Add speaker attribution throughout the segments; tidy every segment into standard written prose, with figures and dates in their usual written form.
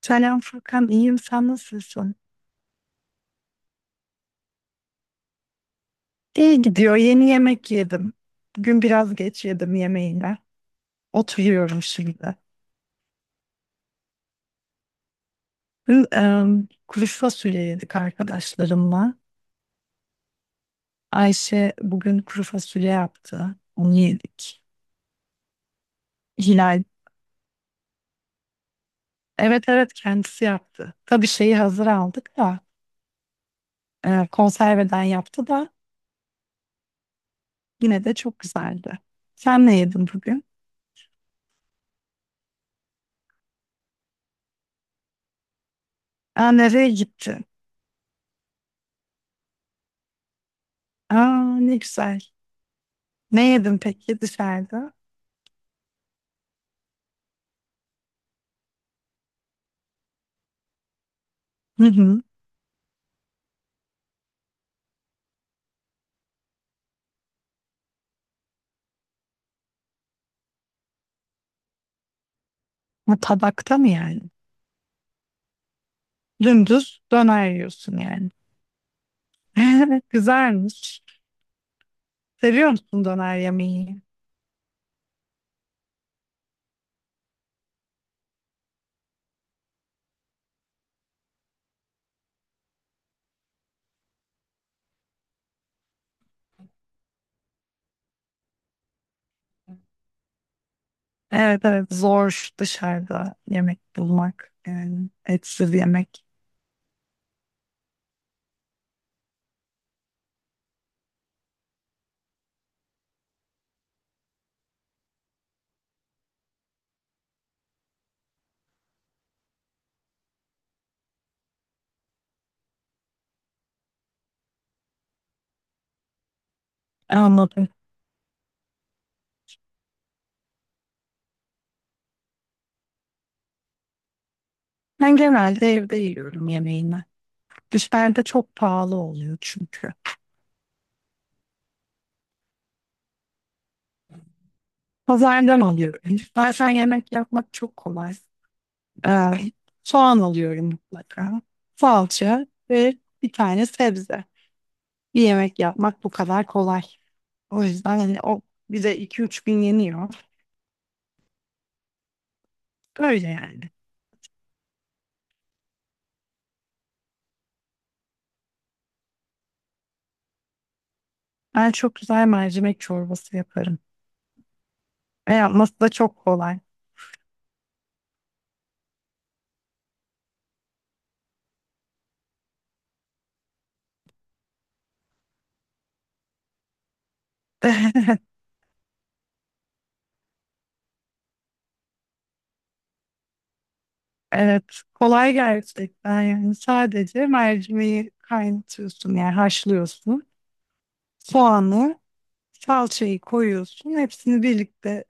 Speaker 1: Selam Furkan, iyiyim. Sen nasılsın? İyi gidiyor. Yeni yemek yedim. Bugün biraz geç yedim yemeğine. Oturuyorum şimdi. Dün kuru fasulye yedik arkadaşlarımla. Ayşe bugün kuru fasulye yaptı. Onu yedik. Hilal, evet evet kendisi yaptı. Tabii şeyi hazır aldık da konserveden yaptı da yine de çok güzeldi. Sen ne yedin bugün? Aa, nereye gittin? Aa, ne güzel. Ne yedin peki dışarıda? Hı hı. Ha, tabakta mı yani? Dümdüz döner yiyorsun yani. Güzelmiş. Seviyor musun döner yemeği? Evet evet zor dışarıda yemek bulmak. Yani etsiz yemek. Anladım. Ben genelde evde yiyorum yemeğimi. Dışarıda çok pahalı oluyor çünkü. Pazardan alıyorum. Bazen yemek yapmak çok kolay. Ee, soğan alıyorum mutlaka. Salça ve bir tane sebze. Bir yemek yapmak bu kadar kolay. O yüzden hani o bize iki üç gün yeniyor. Böyle yani. Ben çok güzel mercimek çorbası yaparım. Ve yapması da çok kolay. Evet, kolay gerçekten yani sadece mercimeği kaynatıyorsun yani haşlıyorsun. Soğanı, salçayı koyuyorsun. Hepsini birlikte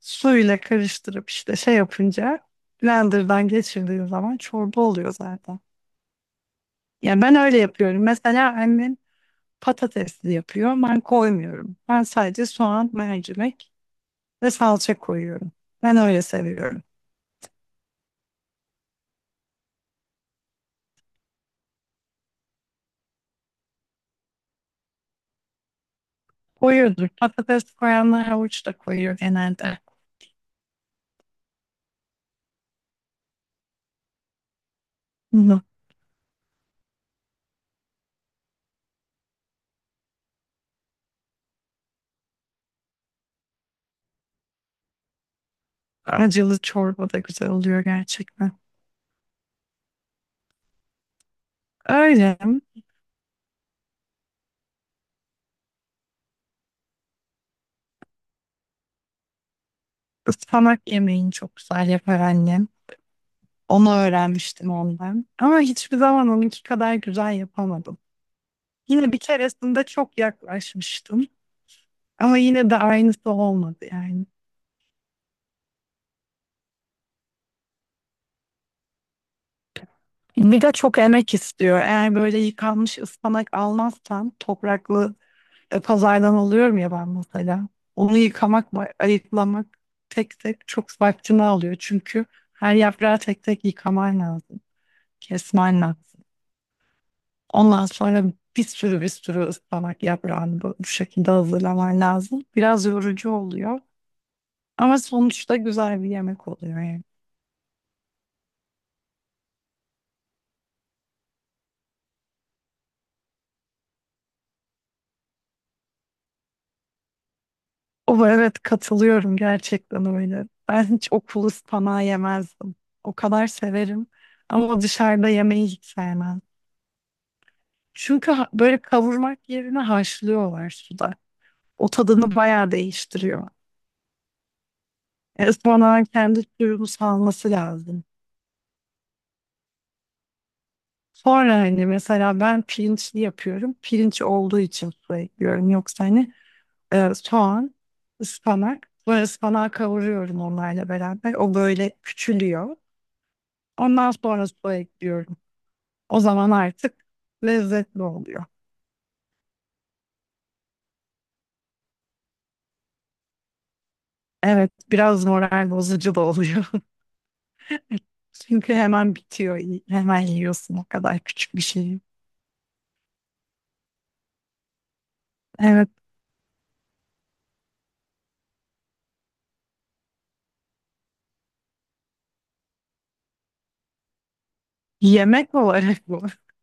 Speaker 1: suyla karıştırıp işte şey yapınca blenderdan geçirdiğin zaman çorba oluyor zaten. Ya ben öyle yapıyorum. Mesela annem patatesli yapıyor. Ben koymuyorum. Ben sadece soğan, mercimek ve salça koyuyorum. Ben öyle seviyorum. Koyuyordur. Patates koyanlar havuç da koyuyor genelde. Hı. Acılı çorba da güzel oluyor gerçekten. Öyle. Ispanak yemeğini çok güzel yapar annem. Onu öğrenmiştim ondan. Ama hiçbir zaman onunki kadar güzel yapamadım. Yine bir keresinde çok yaklaşmıştım. Ama yine de aynısı olmadı yani. Bir de çok emek istiyor. Eğer böyle yıkanmış ıspanak almazsam topraklı pazardan alıyorum ya ben mesela. Onu yıkamak, ayıklamak tek tek çok vaktini alıyor. Çünkü her yaprağı tek tek yıkaman lazım. Kesmen lazım. Ondan sonra bir sürü ıspanak yaprağını bu şekilde hazırlaman lazım. Biraz yorucu oluyor. Ama sonuçta güzel bir yemek oluyor yani. O evet katılıyorum gerçekten öyle. Ben hiç okulu ıspanağı yemezdim. O kadar severim ama dışarıda yemeyi hiç sevmem. Çünkü böyle kavurmak yerine haşlıyorlar suda. O tadını bayağı değiştiriyor. Ispanağın kendi suyunu salması lazım. Sonra hani mesela ben pirinçli yapıyorum. Pirinç olduğu için su ekliyorum. Yoksa hani soğan, ıspanak. Sonra ıspanağı kavuruyorum onlarla beraber. O böyle küçülüyor. Ondan sonra su ekliyorum. O zaman artık lezzetli oluyor. Evet, biraz moral bozucu da oluyor. Çünkü hemen bitiyor. Hemen yiyorsun o kadar küçük bir şey. Evet, yemek olarak bu.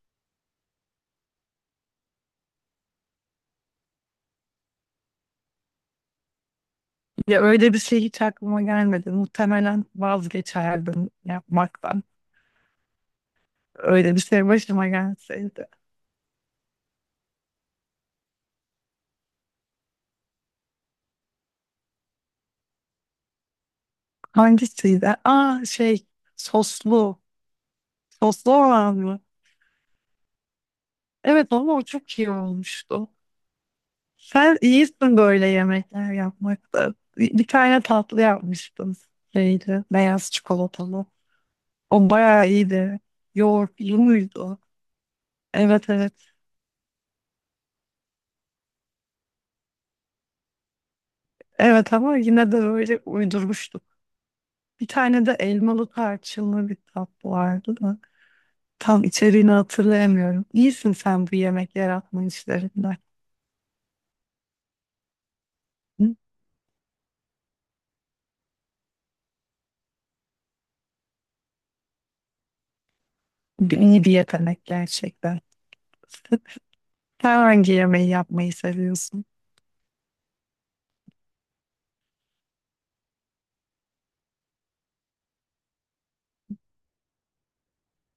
Speaker 1: Ya öyle bir şey hiç aklıma gelmedi. Muhtemelen vazgeçerdim yapmaktan. Öyle bir şey başıma gelseydi. Hangisiydi? Aa şey soslu. Soslu olan mı? Evet ama o çok iyi olmuştu. Sen iyisin böyle yemekler yapmakta. Bir tane tatlı yapmıştım. Şeydi, beyaz çikolatalı. O bayağı iyiydi. Yoğurtlu muydu? Evet evet. Evet ama yine de böyle uydurmuştuk. Bir tane de elmalı tarçınlı bir tatlı vardı da. Tam içeriğini hatırlayamıyorum. İyisin sen bu yemek yaratma işlerinden. Hı? İyi bir yetenek gerçekten. Sen hangi yemeği yapmayı seviyorsun?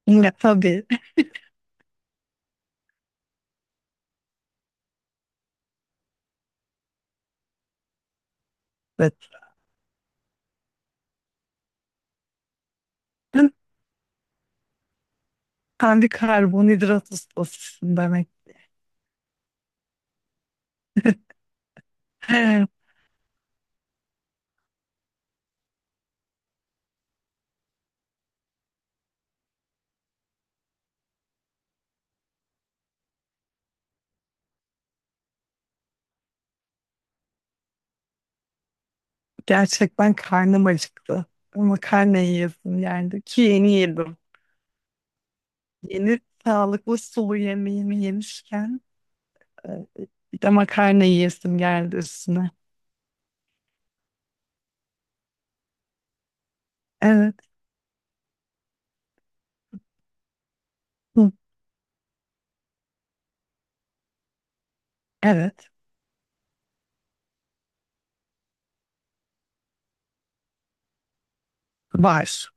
Speaker 1: Yine tabii. Evet. Kendi karbonhidrat ustasısın demek. He, gerçekten karnım acıktı. Makarna yiyesim geldi ki yeni yedim. Yeni sağlıklı sulu yemeğimi yemişken e, bir de makarna yiyesim geldi üstüne. Evet. Hı, evet. Var.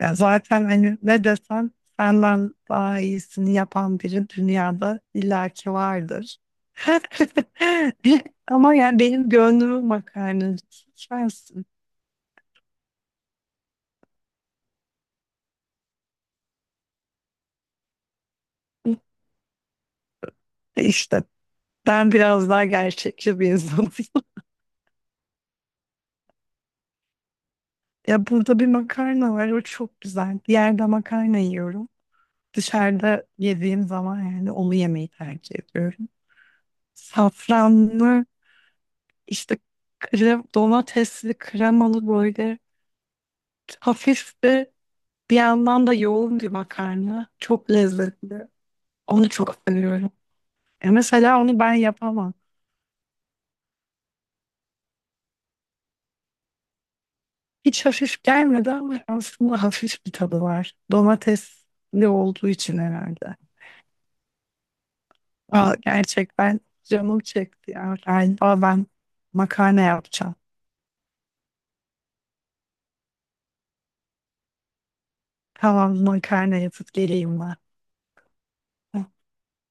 Speaker 1: Ya zaten hani ne desen senden daha iyisini yapan biri dünyada illaki vardır. Ama yani benim gönlümün makarnacısı sensin. İşte ben biraz daha gerçekçi bir insanım. Ya burada bir makarna var, o çok güzel. Bir yerde makarna yiyorum. Dışarıda yediğim zaman yani onu yemeyi tercih ediyorum. Safranlı, işte krem, domatesli, kremalı böyle hafif de bir yandan da yoğun bir makarna. Çok lezzetli. Onu çok seviyorum. E mesela onu ben yapamam. Hiç hafif gelmedi ama aslında hafif bir tadı var. Domatesli olduğu için herhalde. Aa, gerçekten canım çekti ya. Yani, aa, ben makarna yapacağım. Tamam makarna yapıp geleyim ben.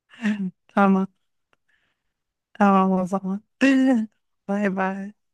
Speaker 1: Tamam tamam o zaman. Bay bay.